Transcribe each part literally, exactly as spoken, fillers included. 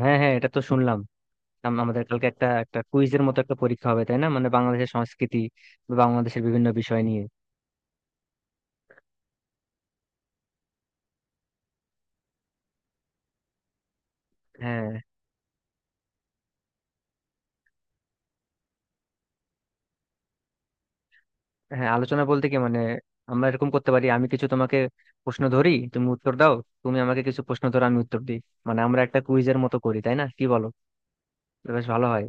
হ্যাঁ হ্যাঁ, এটা তো শুনলাম। আম- আমাদের কালকে একটা একটা কুইজের মতো একটা পরীক্ষা হবে, তাই না? মানে বাংলাদেশের সংস্কৃতি বা বাংলাদেশের বিভিন্ন বিষয় নিয়ে। হ্যাঁ, হ্যাঁ, আলোচনা বলতে কি মানে, আমরা এরকম করতে পারি, আমি কিছু তোমাকে প্রশ্ন ধরি তুমি উত্তর দাও, তুমি আমাকে কিছু প্রশ্ন ধরো আমি উত্তর দিই। মানে আমরা একটা কুইজের মতো করি, তাই না? কি বলো, এটা বেশ ভালো হয়।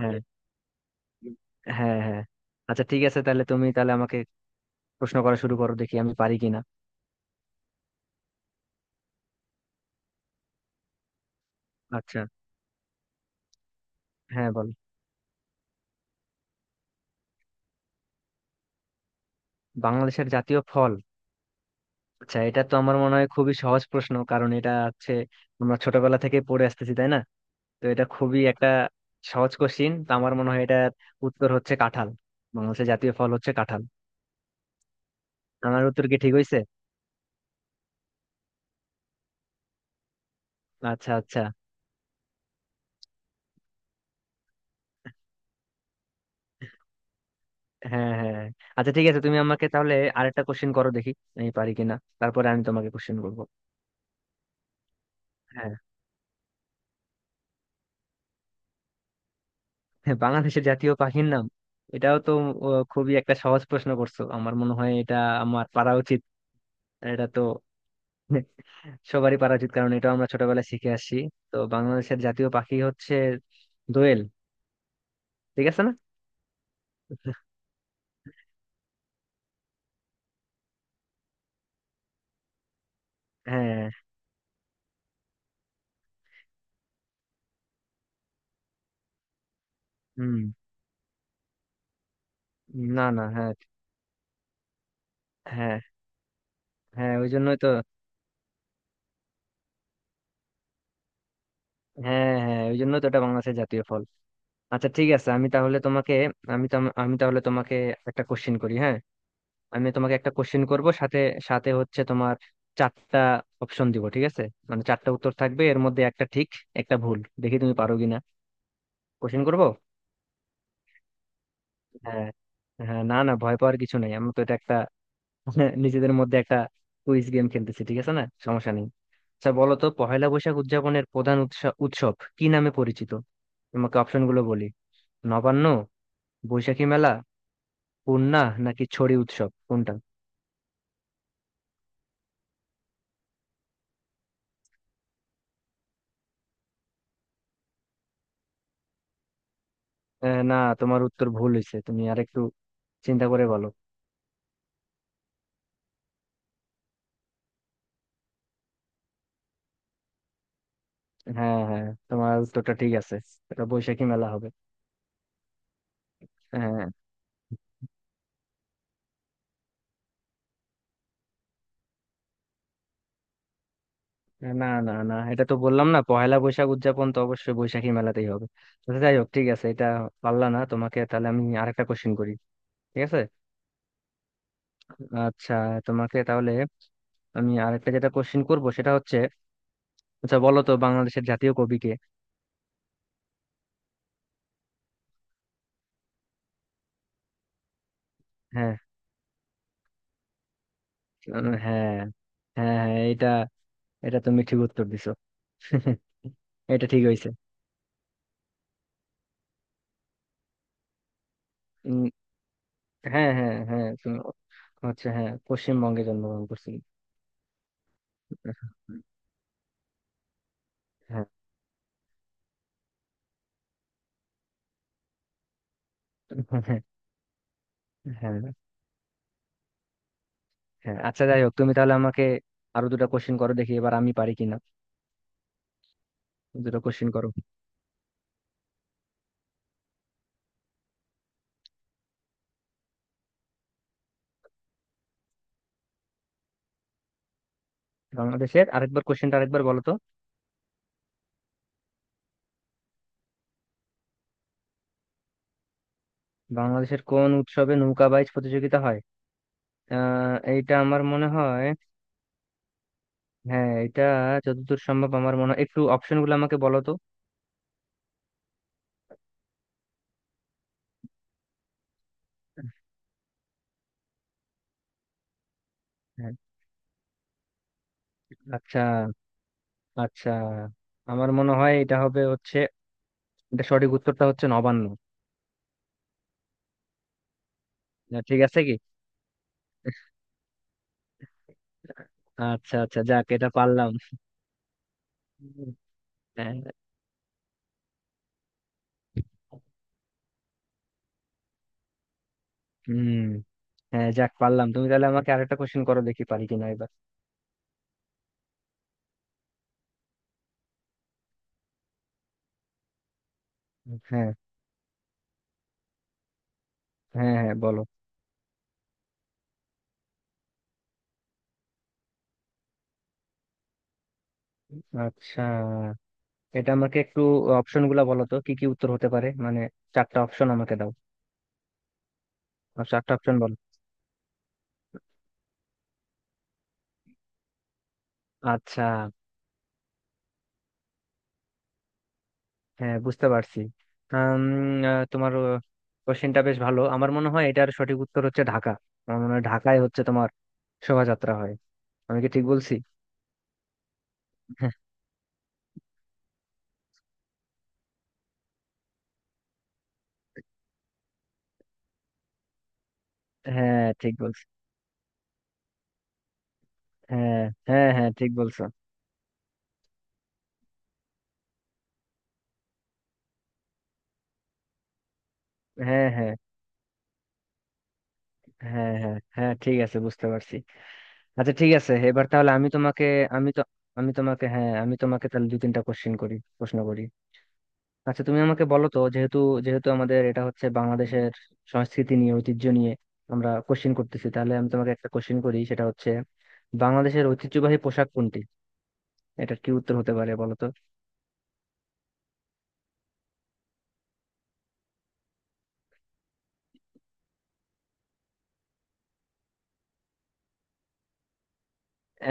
হ্যাঁ, হ্যাঁ, হ্যাঁ। আচ্ছা ঠিক আছে, তাহলে তুমি তাহলে আমাকে প্রশ্ন করা শুরু করো, দেখি আমি পারি কিনা। আচ্ছা। হ্যাঁ, বল। বাংলাদেশের জাতীয় ফল। আচ্ছা, এটা তো আমার মনে হয় খুবই সহজ প্রশ্ন, কারণ এটা হচ্ছে আমরা ছোটবেলা থেকে পড়ে আসতেছি, তাই না? তো এটা খুবই একটা সহজ কোশ্চিন, তো আমার মনে হয় এটার উত্তর হচ্ছে কাঁঠাল। বাংলাদেশের জাতীয় ফল হচ্ছে কাঁঠাল। আমার উত্তর কি ঠিক হয়েছে? আচ্ছা, আচ্ছা। হ্যাঁ, হ্যাঁ। আচ্ছা ঠিক আছে, তুমি আমাকে তাহলে আরেকটা কোশ্চিন করো, দেখি আমি পারি কিনা। তারপরে আমি তোমাকে কোশ্চিন করবো। হ্যাঁ। হ্যাঁ, বাংলাদেশের জাতীয় পাখির নাম। এটাও তো, ও, খুবই একটা সহজ প্রশ্ন করছো, আমার মনে হয় এটা আমার পারা উচিত। এটা তো সবারই পারা উচিত, কারণ এটা আমরা ছোটবেলায় শিখে আসছি। তো বাংলাদেশের জাতীয় পাখি হচ্ছে দোয়েল। ঠিক আছে না? হ্যাঁ। হুম। না না, হ্যাঁ হ্যাঁ। হ্যাঁ, ওই জন্যই তো। হ্যাঁ হ্যাঁ, ওই জন্যই তো এটা বাংলাদেশের জাতীয় ফল। আচ্ছা ঠিক আছে, আমি তাহলে তোমাকে, আমি তো আমি তাহলে তোমাকে একটা কোশ্চেন করি, হ্যাঁ। আমি তোমাকে একটা কোশ্চেন করব, সাথে, সাথে হচ্ছে তোমার চারটা অপশন দিব, ঠিক আছে? মানে চারটা উত্তর থাকবে, এর মধ্যে একটা ঠিক একটা ভুল, দেখি তুমি পারো কিনা। কোশ্চেন করবো। হ্যাঁ, হ্যাঁ, না না, ভয় পাওয়ার কিছু নাই, আমি তো এটা একটা নিজেদের মধ্যে একটা কুইজ গেম খেলতেছি, ঠিক আছে না? সমস্যা নেই। আচ্ছা বলো তো, পহেলা বৈশাখ উদযাপনের প্রধান উৎস- উৎসব কি নামে পরিচিত? তোমাকে অপশন গুলো বলি: নবান্ন, বৈশাখী মেলা, পূর্ণা, নাকি ছড়ি উৎসব, কোনটা? আহ, না, তোমার উত্তর ভুল হয়েছে, তুমি আরেকটু চিন্তা করে বলো। হ্যাঁ হ্যাঁ, তোমার উত্তরটা ঠিক আছে, এটা বৈশাখী মেলা হবে। হ্যাঁ। না না না, এটা তো বললাম না, পহেলা বৈশাখ উদযাপন তো অবশ্যই বৈশাখী মেলাতেই হবে। তো যাই হোক, ঠিক আছে, এটা পারলা না, তোমাকে তাহলে আমি আরেকটা কোশ্চেন করি, ঠিক আছে। আচ্ছা, তোমাকে তাহলে আমি আরেকটা যেটা কোশ্চিন করব সেটা হচ্ছে, আচ্ছা বলো তো বাংলাদেশের জাতীয় কবি কে? হ্যাঁ। উম, হ্যাঁ, হ্যাঁ হ্যাঁ, এটা, এটা তুমি ঠিক উত্তর দিছো। এটা ঠিক হয়েছে। উম, হ্যাঁ হ্যাঁ হ্যাঁ, তুমি হচ্ছে হ্যাঁ, পশ্চিমবঙ্গে জন্মগ্রহণ করছিলেন। হ্যাঁ হ্যাঁ হ্যাঁ। হ্যাঁ। আচ্ছা যাই হোক, তুমি তাহলে আমাকে আরো দুটো কোশ্চেন করো, দেখি এবার আমি পারি কিনা। দুটো কোশ্চেন করো। বাংলাদেশের, আরেকবার কোশ্চেনটা আরেকবার বলো তো। বাংলাদেশের কোন উৎসবে নৌকা বাইচ প্রতিযোগিতা হয়? আহ এইটা আমার মনে হয়, হ্যাঁ এটা যতদূর সম্ভব আমার মনে হয়, একটু অপশন গুলো আমাকে বলো তো। হ্যাঁ। আচ্ছা। আচ্ছা, আমার মনে হয় এটা হবে হচ্ছে, এটা সঠিক উত্তরটা হচ্ছে নবান্ন। না, ঠিক আছে কি, আচ্ছা আচ্ছা, যাক এটা পারলাম। হ্যাঁ। হুম। হ্যাঁ যাক পারলাম, তুমি তাহলে আমাকে আরেকটা কোশ্চেন করো, দেখি পারি কিনা এবার। হ্যাঁ। হ্যাঁ হ্যাঁ, বলো। আচ্ছা, এটা আমাকে একটু অপশন গুলা বলো তো কি কি উত্তর হতে পারে, মানে চারটা অপশন আমাকে দাও। আর চারটা অপশন বলো। আচ্ছা। হ্যাঁ বুঝতে পারছি। আম, আহ, তোমার কোশ্চেনটা বেশ ভালো, আমার মনে হয় এটার সঠিক উত্তর হচ্ছে ঢাকা। আমার মনে হয় ঢাকায় হচ্ছে তোমার শোভাযাত্রা হয়। আমি কি ঠিক বলছি? হ্যাঁ ঠিক বলছো। হ্যাঁ হ্যাঁ, হ্যাঁ ঠিক বলছো। হ্যাঁ হ্যাঁ। হ্যাঁ হ্যাঁ হ্যাঁ, ঠিক আছে বুঝতে পারছি। আচ্ছা ঠিক আছে, এবার তাহলে আমি তোমাকে, আমি তো আমি তোমাকে, হ্যাঁ আমি তোমাকে তাহলে দু তিনটা কোশ্চেন করি, প্রশ্ন করি। আচ্ছা তুমি আমাকে বলো তো, যেহেতু যেহেতু আমাদের এটা হচ্ছে বাংলাদেশের সংস্কৃতি নিয়ে, ঐতিহ্য নিয়ে আমরা কোশ্চেন করতেছি, তাহলে আমি তোমাকে একটা কোশ্চেন করি সেটা হচ্ছে, বাংলাদেশের ঐতিহ্যবাহী পোশাক কোনটি? এটার কি উত্তর হতে পারে বলো তো।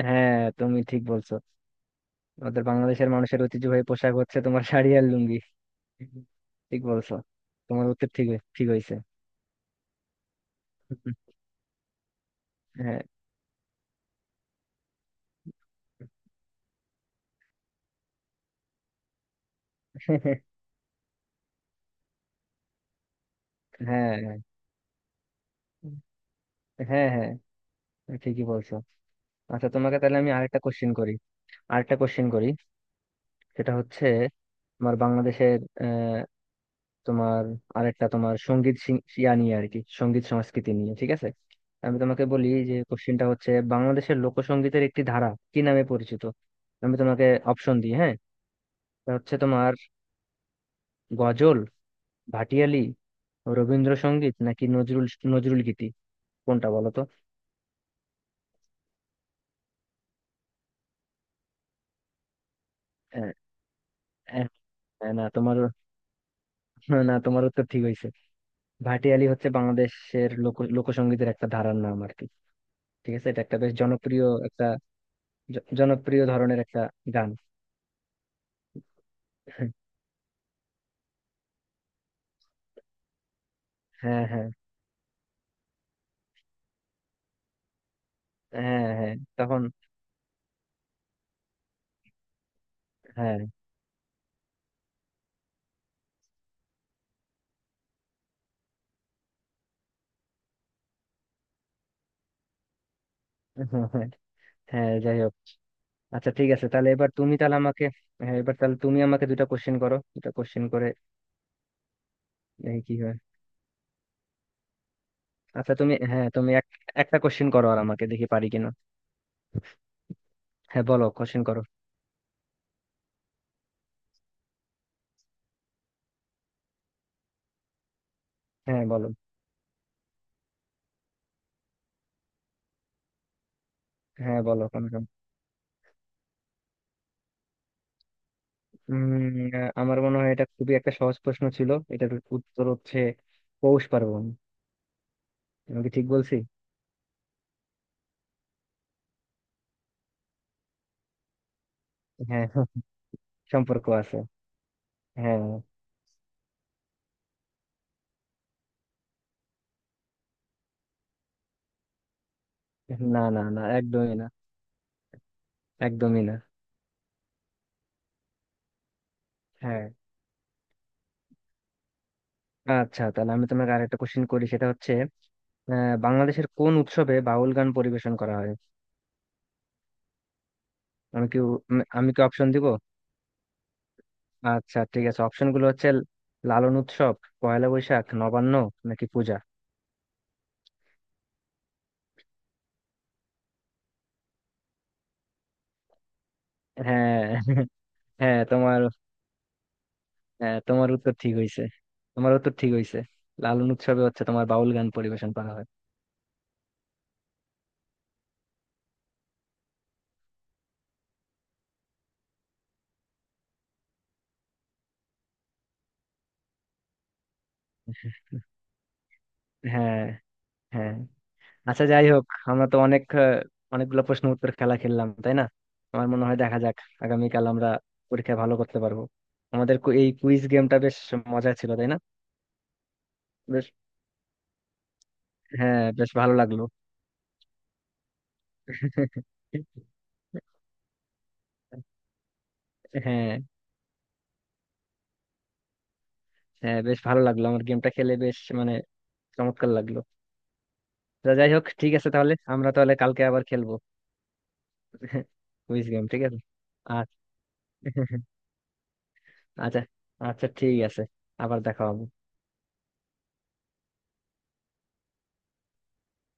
হ্যাঁ তুমি ঠিক বলছো, আমাদের বাংলাদেশের মানুষের ঐতিহ্যবাহী পোশাক হচ্ছে তোমার শাড়ি আর লুঙ্গি। ঠিক বলছো, তোমার উত্তর ঠিক হয়ে- ঠিক হয়েছে। হ্যাঁ হ্যাঁ হ্যাঁ হ্যাঁ। হ্যাঁ, ঠিকই বলছো। আচ্ছা তোমাকে তাহলে আমি আরেকটা কোশ্চেন করি, আরেকটা কোশ্চেন করি, সেটা হচ্ছে তোমার বাংলাদেশের আহ, তোমার আরেকটা তোমার সঙ্গীত সি- ইয়া নিয়ে আর কি, সঙ্গীত সংস্কৃতি নিয়ে, ঠিক আছে। আমি তোমাকে বলি যে কোশ্চেনটা হচ্ছে, বাংলাদেশের লোকসঙ্গীতের একটি ধারা কি নামে পরিচিত? আমি তোমাকে অপশন দিই, হ্যাঁ। তা হচ্ছে তোমার গজল, ভাটিয়ালি, রবীন্দ্রসঙ্গীত, নাকি নজরুল, নজরুল গীতি, কোনটা বলো তো? আহ, আহ, না তোমার, না তোমার উত্তর ঠিক হয়েছে। ভাটিয়ালি হচ্ছে বাংলাদেশের লোক লোকসঙ্গীতের একটা ধারার নাম আর কি। ঠিক আছে, এটা একটা বেশ জনপ্রিয় একটা জ- জনপ্রিয় ধরনের একটা গান। হ্যাঁ হ্যাঁ। হ্যাঁ হ্যাঁ তখন। হ্যাঁ। হ্যাঁ যাই হোক, আচ্ছা ঠিক আছে তাহলে এবার তুমি তাহলে আমাকে, হ্যাঁ এবার তাহলে তুমি আমাকে দুটা কোশ্চেন করো, দুটা কোশ্চেন করে দেখি কি হয়। আচ্ছা তুমি, হ্যাঁ তুমি এক, একটা কোশ্চেন করো আর আমাকে, দেখি পারি কিনা। হ্যাঁ বলো, কোশ্চেন করো। হ্যাঁ বলো। হ্যাঁ বলো কনফার্ম। উম আহ, আমার মনে হয় এটা খুবই একটা সহজ প্রশ্ন ছিল, এটার উত্তর হচ্ছে পৌষ পার্বণ। আমি কি ঠিক বলছি? হ্যাঁ। সম্পর্ক আছে। হ্যাঁ। না না না, একদমই না। একদমই না। হ্যাঁ। আচ্ছা তাহলে আমি তোমাকে আরেকটা কোশ্চেন করি, সেটা হচ্ছে, আহ, বাংলাদেশের কোন উৎসবে বাউল গান পরিবেশন করা হয়? আমি কি উ- উম, আমি কি অপশন দিব? আচ্ছা ঠিক আছে, অপশন গুলো হচ্ছে লালন উৎসব, পয়লা বৈশাখ, নবান্ন, নাকি পূজা। হ্যাঁ। হ্যাঁ তোমার, হ্যাঁ, তোমার উত্তর ঠিক হয়েছে। তোমার উত্তর ঠিক হয়েছে, লালন উৎসবে হচ্ছে তোমার বাউল গান পরিবেশন করা হয়। হ্যাঁ হ্যাঁ। আচ্ছা যাই হোক, আমরা তো অনেক আহ, অনেকগুলো প্রশ্ন উত্তর খেলা খেললাম, তাই না? আমার মনে হয় দেখা যাক, আগামীকাল আমরা পরীক্ষায় ভালো করতে পারবো। আমাদের কু- এই কুইজ গেমটা বেশ মজা ছিল, তাই না? বেশ, হ্যাঁ বেশ ভালো লাগলো। হ্যাঁ হ্যাঁ বেশ ভালো লাগলো, আমার গেমটা খেলে বেশ মানে চমৎকার লাগলো। তো যাই হোক, ঠিক আছে, তাহলে আমরা তাহলে কালকে আবার খেলবো। কুইজ গেম, ঠিক আছে। আচ্ছা। আচ্ছা ঠিক আছে, আবার দেখা হবে।